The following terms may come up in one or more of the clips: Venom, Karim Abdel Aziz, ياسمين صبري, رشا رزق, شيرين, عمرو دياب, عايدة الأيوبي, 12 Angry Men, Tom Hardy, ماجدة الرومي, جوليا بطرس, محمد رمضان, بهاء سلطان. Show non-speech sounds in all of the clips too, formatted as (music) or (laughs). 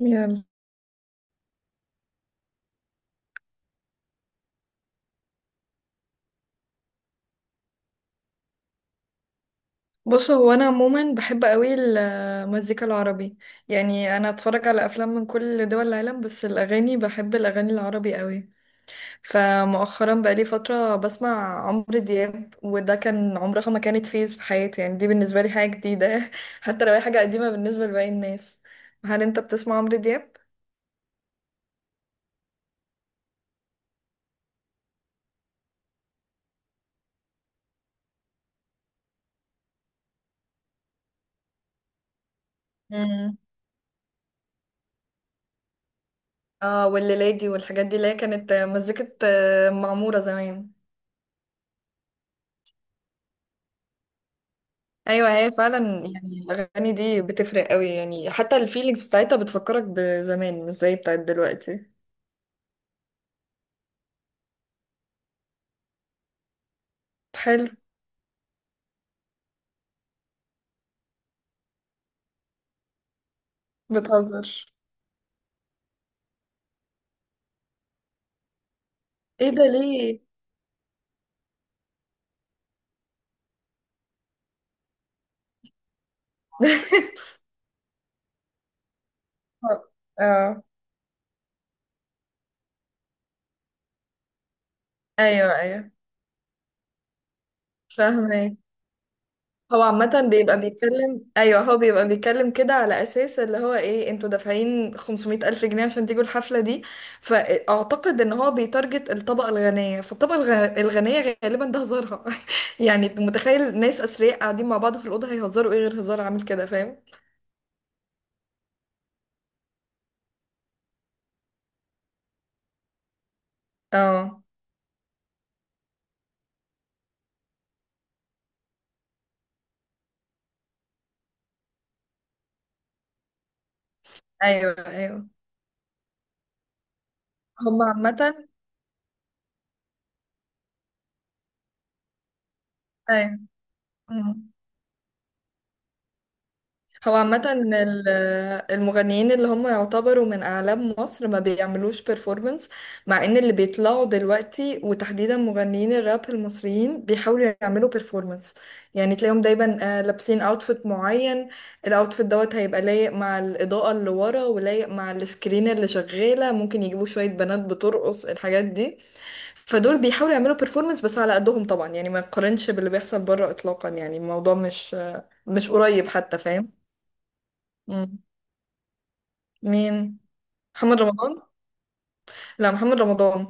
يلا. بص، هو انا عموما بحب قوي المزيكا العربي. يعني انا اتفرج على افلام من كل دول العالم، بس الاغاني بحب الاغاني العربي قوي. فمؤخرا بقالي فتره بسمع عمرو دياب، وده كان عمرها ما كانت فيز في حياتي، يعني دي بالنسبه لي حاجه جديده. (laughs) حتى لو هي حاجه قديمه بالنسبه لباقي الناس. هل انت بتسمع عمرو دياب؟ امم. اه، والليلادي والحاجات دي اللي هي كانت مزيكه معموره زمان. ايوه، هي فعلا. يعني الاغاني دي بتفرق قوي، يعني حتى الفيلينجز بتاعتها بتفكرك بزمان مش زي بتاعت دلوقتي. حلو. بتهزر. ايه ده ليه؟ (laughs) اه. ايوه، ايوه. فاهمه. هو عامة بيبقى بيتكلم، أيوه، هو بيبقى بيتكلم كده على أساس اللي هو إيه، انتوا دافعين 500 ألف جنيه عشان تيجوا الحفلة دي. فأعتقد إن هو بيتارجت الطبقة الغنية، فالطبقة الغنية غالبا ده هزارها. (laughs) يعني متخيل ناس أثرياء قاعدين مع بعض في الأوضة هيهزروا إيه غير هزار عامل كده، فاهم؟ اه. أيوه، أيوه. هما عامة. أيوه. هو عامة المغنيين اللي هم يعتبروا من أعلام مصر ما بيعملوش performance. مع إن اللي بيطلعوا دلوقتي، وتحديدا مغنيين الراب المصريين، بيحاولوا يعملوا performance. يعني تلاقيهم دايما لابسين outfit معين. الاوتفيت دوت هيبقى لايق مع الإضاءة اللي ورا ولايق مع السكرين اللي شغالة، ممكن يجيبوا شوية بنات بترقص الحاجات دي. فدول بيحاولوا يعملوا performance بس على قدهم طبعا، يعني ما يقارنش باللي بيحصل بره إطلاقا، يعني الموضوع مش مش قريب حتى، فاهم. مين؟ محمد رمضان. لا محمد رمضان.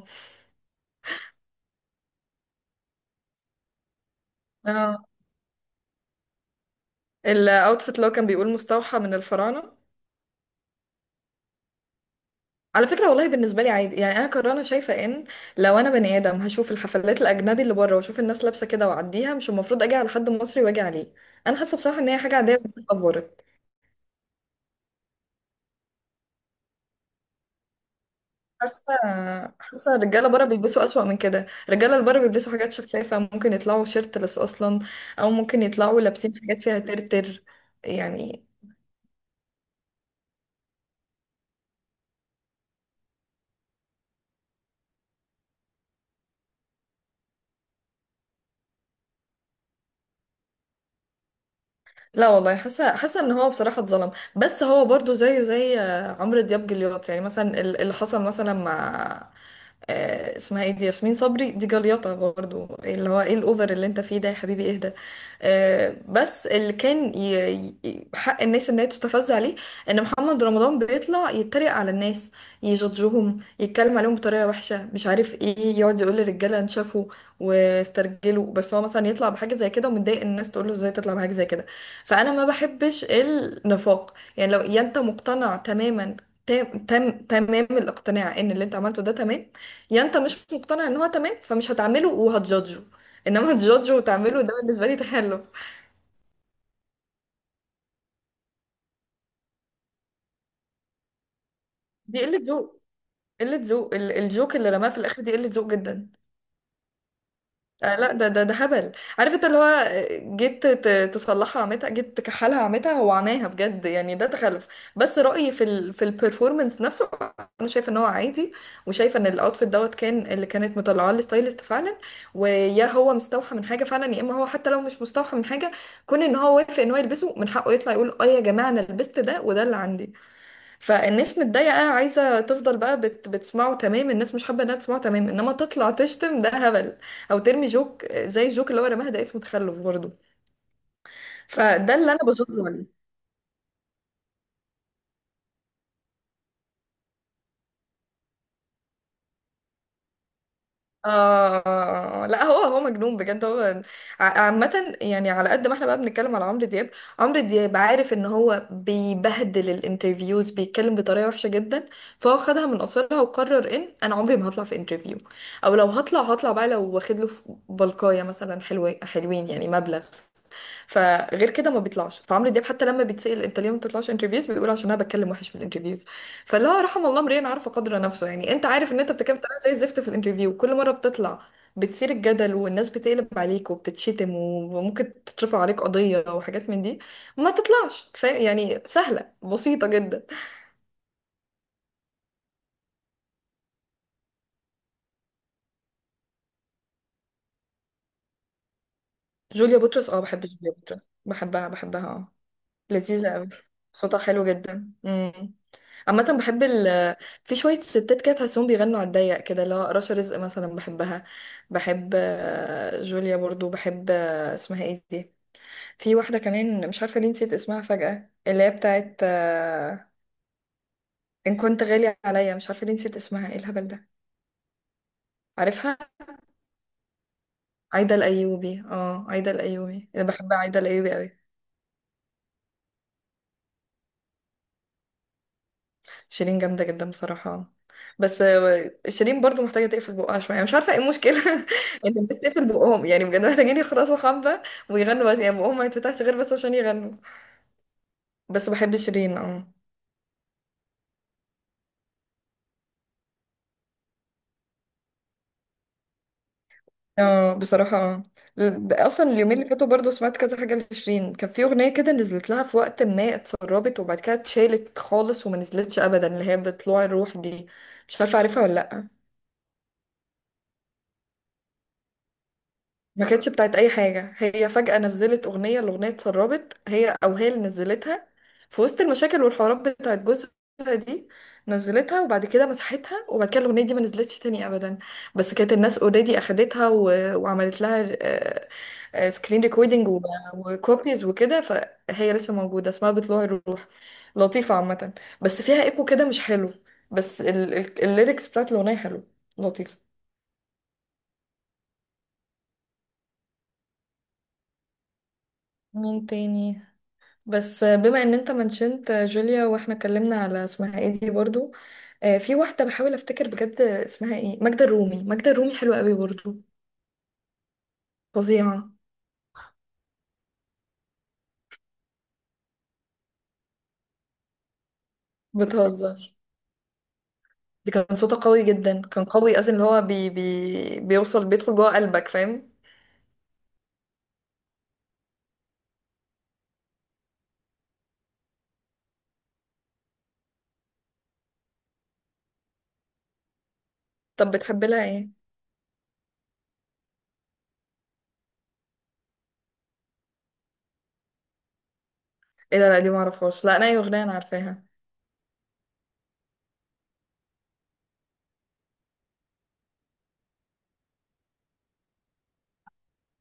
اه. الاوتفيت اللي هو كان بيقول مستوحى من الفراعنه. على فكره، والله بالنسبه لي عادي، يعني انا كرانه شايفه ان لو انا بني ادم هشوف الحفلات الاجنبي اللي بره واشوف الناس لابسه كده واعديها، مش المفروض اجي على حد مصري واجي عليه. انا حاسه بصراحه ان هي حاجه عاديه اتطورت. حاسه. حاسه الرجاله بره بيلبسوا اسوأ من كده، الرجاله اللي بره بيلبسوا حاجات شفافه، ممكن يطلعوا شيرتلس اصلا، او ممكن يطلعوا لابسين حاجات فيها ترتر. يعني. لا والله، حاسه ان هو بصراحه اتظلم. بس هو برضو زيه زي عمرو دياب، جليات. يعني مثلا اللي حصل مثلا مع اسمها ايه دي، ياسمين صبري، دي جليطه برضو، اللي هو ايه الاوفر اللي انت فيه ده يا حبيبي اهدى. بس اللي كان حق الناس ان هي تستفز عليه، ان محمد رمضان بيطلع يتريق على الناس، يجادجهم، يتكلم عليهم بطريقه وحشه، مش عارف ايه، يقعد يقول للرجاله انشفوا واسترجلوا. بس هو مثلا يطلع بحاجه زي كده ومتضايق إن الناس تقول له ازاي تطلع بحاجه زي كده. فانا ما بحبش النفاق، يعني لو يا انت مقتنع تماما، تام تام تمام الاقتناع ان اللي انت عملته ده تمام، يا انت مش مقتنع ان هو تمام فمش هتعمله وهتجادجه، انما هتجادجه وتعمله، ده بالنسبه لي تخلف. دي قله ذوق. قله ذوق، الجوك اللي رماه في الاخر دي قله ذوق جدا. آه لا، ده هبل. عارف انت اللي هو جيت تصلحها عمتها، جيت تكحلها عمتها، هو عماها بجد، يعني ده تخلف. بس رأيي في في البرفورمانس نفسه انا شايفه ان هو عادي، وشايفه ان الاوتفيت دوت كان اللي كانت مطلعاه الستايلست فعلا، ويا هو مستوحى من حاجه فعلا يا اما هو حتى لو مش مستوحى من حاجه، كون ان هو وافق ان هو يلبسه من حقه يطلع يقول اه يا جماعه انا لبست ده وده اللي عندي. فالناس متضايقة، عايزة تفضل بقى بتسمعه تمام، الناس مش حابة انها تسمعه تمام، انما تطلع تشتم، ده هبل. او ترمي جوك زي الجوك اللي هو رماها ده، اسمه تخلف برضه. فده اللي انا بزوره. آه لا، هو مجنون بجد. هو عامة، يعني على قد ما احنا بقى بنتكلم على عمرو دياب، عمرو دياب عارف ان هو بيبهدل الانترفيوز، بيتكلم بطريقة وحشة جدا. فهو خدها من قصرها وقرر ان انا عمري ما هطلع في انترفيو، او لو هطلع هطلع بقى لو واخد له بلقاية مثلا حلوة، حلوين يعني مبلغ. فغير كده ما بيطلعش. فعمرو دياب حتى لما بيتسأل انت ليه ما بتطلعش انترفيوز بيقول عشان انا بتكلم وحش في الانترفيوز. فاللي هو رحم الله امرئ عرف قدر نفسه، يعني انت عارف ان انت بتتكلم بطريقه زي الزفت في الانترفيو، كل مره بتطلع بتثير الجدل والناس بتقلب عليك وبتتشتم، وممكن تترفع عليك قضيه وحاجات من دي، ما تطلعش، فاهم يعني. سهله بسيطه جدا. جوليا بطرس. اه بحب جوليا بطرس، بحبها بحبها اه. لذيذة أوي. صوتها حلو جدا. امم. عامة بحب في شوية ستات كده تحسهم بيغنوا على الضيق كده، اللي هو رشا رزق مثلا بحبها. بحب جوليا برضو، بحب اسمها ايه دي، في واحدة كمان مش عارفة ليه نسيت اسمها فجأة، اللي هي بتاعت إن كنت غالي عليا. مش عارفة ليه نسيت اسمها، ايه الهبل ده. عارفها. عايدة الأيوبي، اه عايدة الأيوبي، أنا بحب عايدة الأيوبي أوي. شيرين جامدة جدا بصراحة. بس شيرين برضو محتاجة تقفل بقها شوية، مش عارفة ايه المشكلة. (laughs) ان الناس تقفل بقهم، يعني بجد محتاجين يخلصوا حبة ويغنوا بس، يعني بقهم ما يتفتحش غير بس عشان يغنوا. بس بحب شيرين اه. اه بصراحة اه. اصلا اليومين اللي فاتوا برضو سمعت كذا حاجة لشيرين، كان في اغنية كده نزلت لها في وقت ما، اتسربت وبعد كده اتشالت خالص وما نزلتش ابدا، اللي هي بطلوع الروح دي. مش عارفة عارفها ولا لأ. ما كانتش بتاعت اي حاجه، هي فجاه نزلت الاغنيه اتسربت، هي او هي اللي نزلتها في وسط المشاكل والحوارات بتاعت جوزها دي. نزلتها وبعد كده مسحتها، وبعد كده الاغنيه دي ما نزلتش تاني ابدا. بس كانت الناس اوريدي اخدتها وعملت لها سكرين ريكوردنج وكوبيز وكده، فهي لسه موجوده، اسمها بطلوع الروح. لطيفه عامه، بس فيها ايكو كده مش حلو. بس الليركس بتاعت الاغنيه حلو. لطيفه. مين تاني. بس بما ان انت منشنت جوليا، واحنا اتكلمنا على اسمها ايه دي برضو، في واحدة بحاول افتكر بجد اسمها ايه، ماجدة الرومي. ماجدة الرومي حلوة قوي برضو، فظيعة. بتهزر. دي كان صوتها قوي جدا، كان قوي اصلا، اللي هو بي بي بيوصل بيدخل جوه قلبك، فاهم. طب بتحب لها ايه؟ ايه ده، لا دي معرفهاش، لا انا اي اغنية انا عارفاها.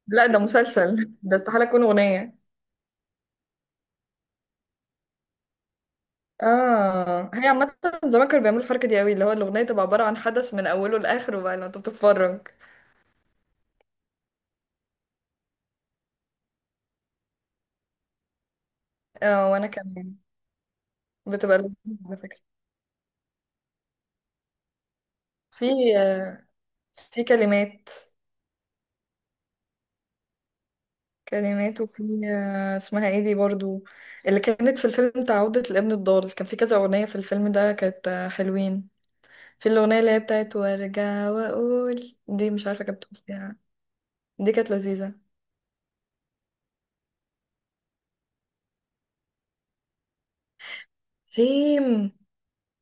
لا ده مسلسل. (laughs) ده استحالة تكون اغنية. اه هي عامة زمان كانوا بيعملوا الحركة دي قوي، اللي هو الأغنية تبقى عبارة عن حدث من أوله لآخره، بقى لو أنت بتتفرج. اه، وأنا كمان، بتبقى لذيذة على فكرة. في آه، في كلمات، كلمات. وفي اسمها ايه دي برضو، اللي كانت في الفيلم بتاع عودة الابن الضال، كان في كذا أغنية في الفيلم ده كانت حلوين. في الأغنية اللي هي بتاعت وارجع وأقول، دي مش عارفة كانت بتقول فيها، دي كانت لذيذة. فيلم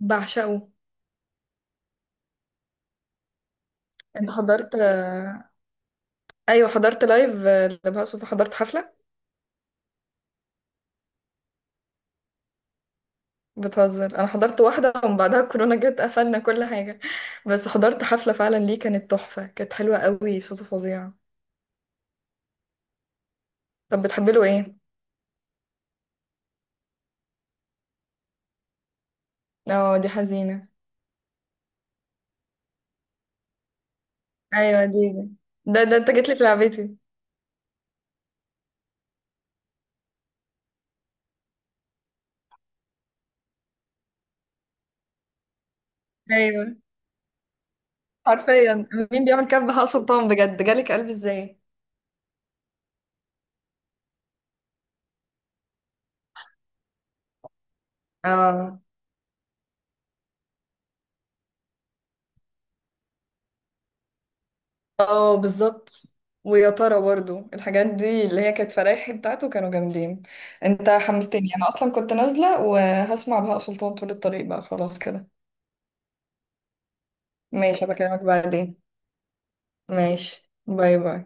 بعشقه. انت حضرت. ايوه حضرت لايف لبهاء سلطان، حضرت حفلة. بتهزر. انا حضرت واحده ومن بعدها الكورونا جت قفلنا كل حاجه. بس حضرت حفله فعلا ليه، كانت تحفه، كانت حلوه قوي، صوته فظيع. طب بتحبي له ايه؟ اه دي حزينه. ايوه دي دي. ده انت جيت لي في لعبتي. ايوه. حرفيا. مين بيعمل كده بهاء سلطان، بجد جالك قلب ازاي. اه اه بالظبط. ويا ترى برضو الحاجات دي اللي هي كانت فرايحي بتاعته كانوا جامدين. انت حمستني، انا اصلا كنت نازله وهسمع بهاء سلطان طول الطريق بقى خلاص كده. ماشي بكلمك بعدين. ماشي باي باي.